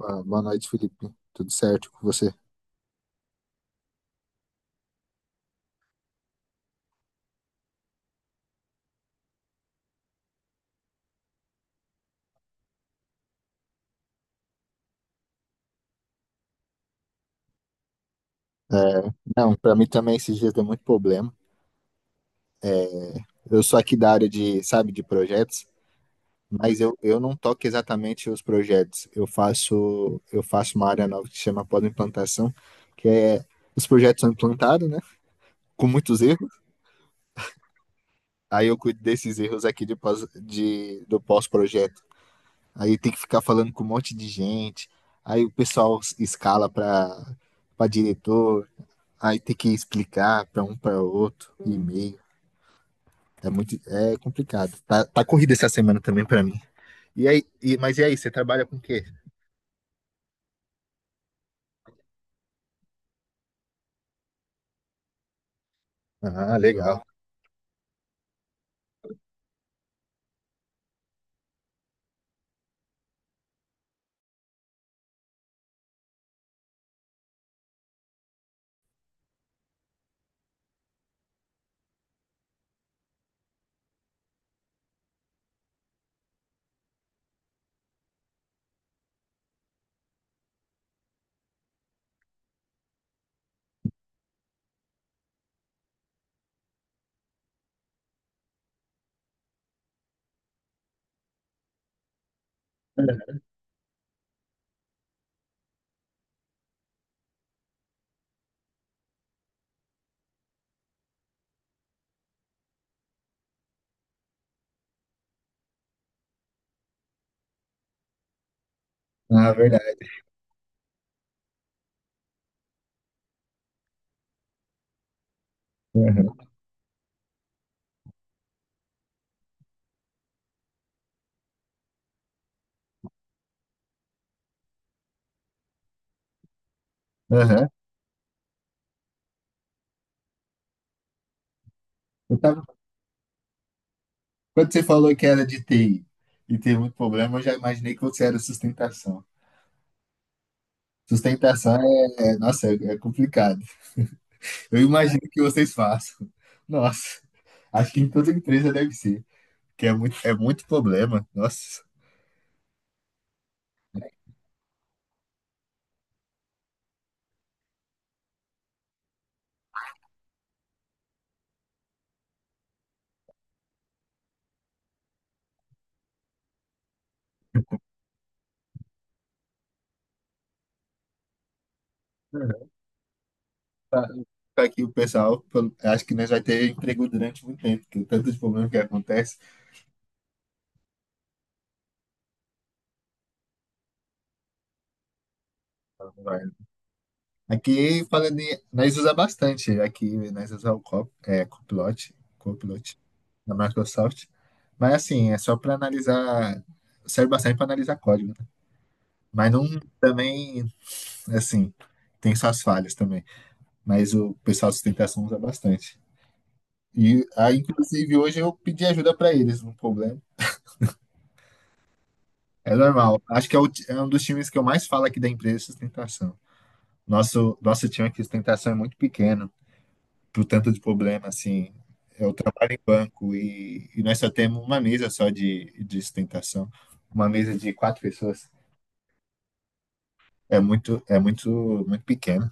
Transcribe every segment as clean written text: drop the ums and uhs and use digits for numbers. Ah, boa noite, Felipe. Tudo certo com você? É, não, pra mim também esses dias deu muito problema. Eu sou aqui da área de, sabe, de projetos, mas eu não toco exatamente os projetos. Eu faço uma área nova que se chama pós-implantação, que é os projetos são implantados, né? Com muitos erros. Aí eu cuido desses erros aqui de pós, de, do pós-projeto. Aí tem que ficar falando com um monte de gente. Aí o pessoal escala para diretor. Aí tem que explicar para um para outro, e-mail. É muito, é complicado. Tá, corrida essa semana também para mim. E aí, mas e aí, você trabalha com o quê? Ah, legal. Ah, verdade. Aham, aham. Eu tava- Quando você falou que era de TI e teve muito problema, eu já imaginei que você era sustentação. Sustentação nossa, é complicado. Eu imagino que vocês façam. Nossa, acho que em toda empresa deve ser, que é muito problema. Nossa. Tá tá aqui o pessoal, acho que nós vai ter emprego durante muito tempo, porque tanto de problema que acontece. Vai. Aqui, falando em, nós usa bastante, aqui nós usamos o Copilot da Microsoft, mas assim, é só para analisar, serve bastante para analisar código, né? Mas não também, assim, tem suas falhas também, mas o pessoal de sustentação usa bastante. E aí, inclusive, hoje eu pedi ajuda para eles num problema. É normal. Acho que é, é um dos times que eu mais falo aqui da empresa, sustentação. Nosso time aqui, sustentação, é muito pequeno, pro tanto de problema, assim. Eu trabalho em banco e nós só temos uma mesa só de sustentação. Uma mesa de quatro pessoas. É muito pequeno.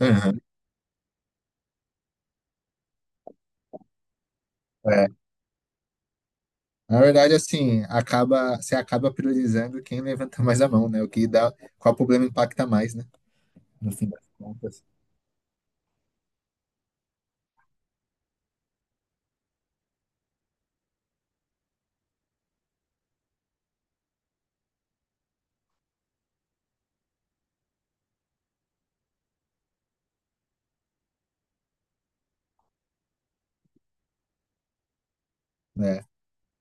Aham. É. Na verdade, assim, acaba, você acaba priorizando quem levanta mais a mão, né? O que dá, qual problema impacta mais, né? No fim das contas. Né?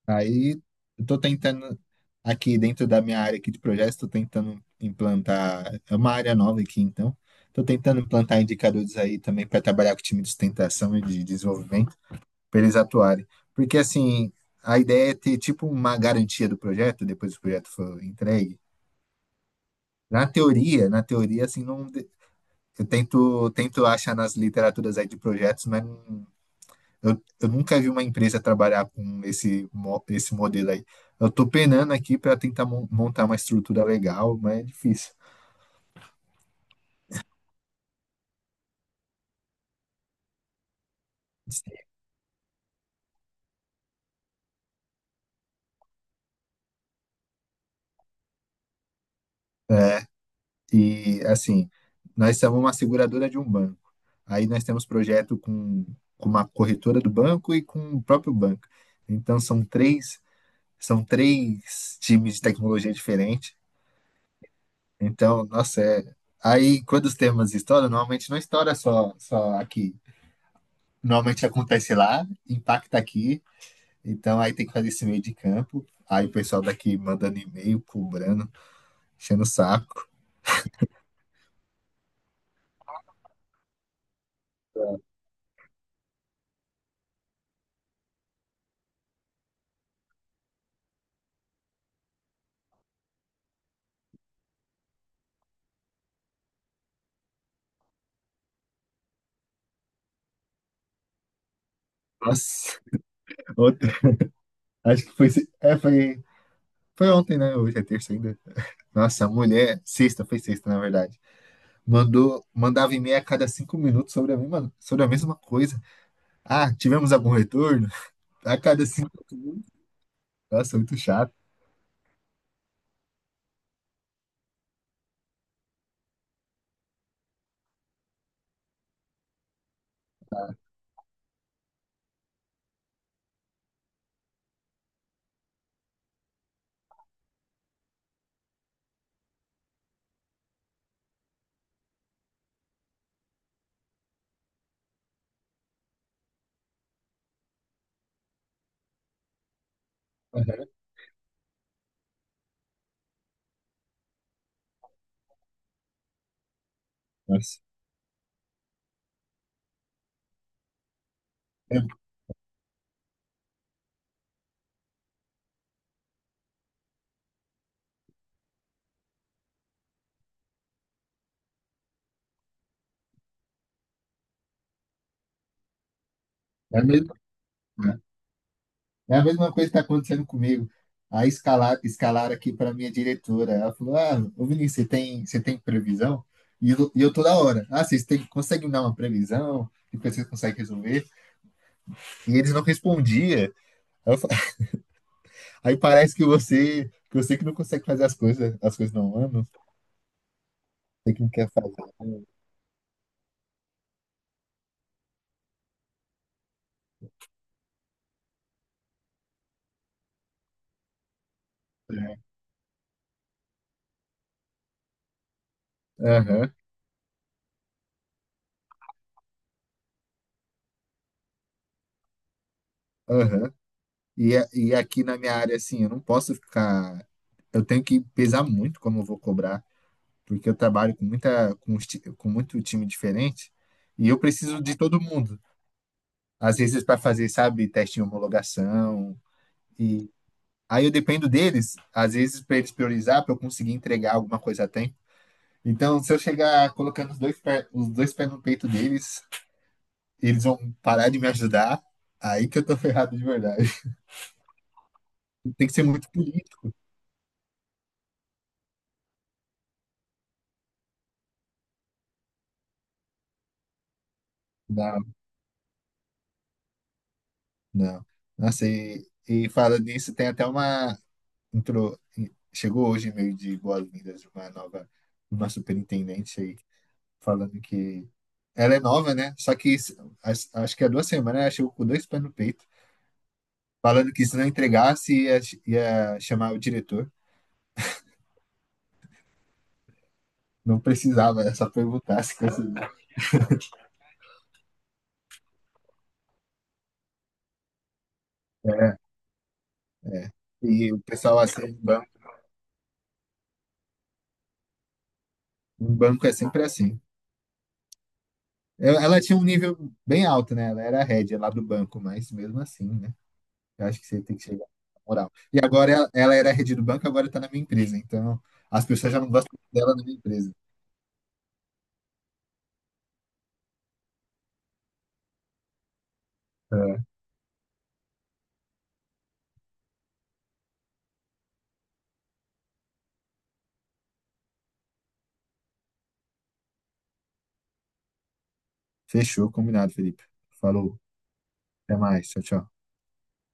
Aí eu tô tentando aqui dentro da minha área aqui de projetos, tô tentando implantar, é uma área nova aqui, então. Tô tentando implantar indicadores aí também para trabalhar com o time de sustentação e de desenvolvimento, para eles atuarem. Porque assim, a ideia é ter tipo uma garantia do projeto depois que o projeto for entregue. Na teoria assim não de- eu tento achar nas literaturas aí de projetos, mas não eu nunca vi uma empresa trabalhar com esse modelo aí. Eu tô penando aqui para tentar montar uma estrutura legal, mas é difícil. É, e assim, nós somos uma seguradora de um banco. Aí nós temos projeto com uma corretora do banco e com o próprio banco. Então são três times de tecnologia diferentes. Então, nossa, é... aí quando os temas estouram, normalmente não estoura só aqui. Normalmente acontece lá, impacta aqui. Então aí tem que fazer esse meio de campo. Aí o pessoal daqui mandando e-mail, cobrando, enchendo o saco. Nossa, ontem, acho que foi, é, foi, foi ontem, né? Hoje é terça ainda. Nossa, a mulher, foi sexta, na verdade. Mandava e-mail a cada cinco minutos sobre sobre a mesma coisa. Ah, tivemos algum retorno? A cada cinco minutos. Nossa, muito chato. Uhum. Nossa. É, é mesmo. É a mesma coisa que está acontecendo comigo. Aí escalar aqui para minha diretora. Ela falou: Ah, ô Vinícius, você tem previsão? E eu toda hora. Ah, conseguem dar uma previsão? Depois vocês conseguem resolver? E eles não respondiam. Aí, aí parece que você que não consegue fazer as coisas não andam, você que não quer fazer. Né? Aham, aham. E aqui na minha área, assim, eu não posso ficar. Eu tenho que pesar muito como eu vou cobrar. Porque eu trabalho com muito time diferente e eu preciso de todo mundo. Às vezes para fazer, sabe, teste de homologação e aí eu dependo deles, às vezes para eles priorizar, para eu conseguir entregar alguma coisa a tempo. Então, se eu chegar colocando os dois pés no peito deles, eles vão parar de me ajudar. Aí que eu tô ferrado de verdade. Tem que ser muito político. Não, não. Nossa, e falando nisso, tem até entrou, chegou hoje meio de boas-vindas de uma superintendente aí, falando que ela é nova, né? Só que isso- as- acho que há duas semanas né? Ela chegou com dois pés no peito, falando que se não entregasse ia chamar o diretor. Não precisava, era só perguntar se conseguia. E o pessoal assim, em banco é sempre assim. Ela tinha um nível bem alto, né? Ela era head lá do banco, mas mesmo assim, né? Eu acho que você tem que chegar na moral. E agora ela era head do banco, agora está na minha empresa. Então, as pessoas já não gostam dela na minha empresa. É. Fechou, combinado, Felipe. Falou, até mais. Tchau, tchau.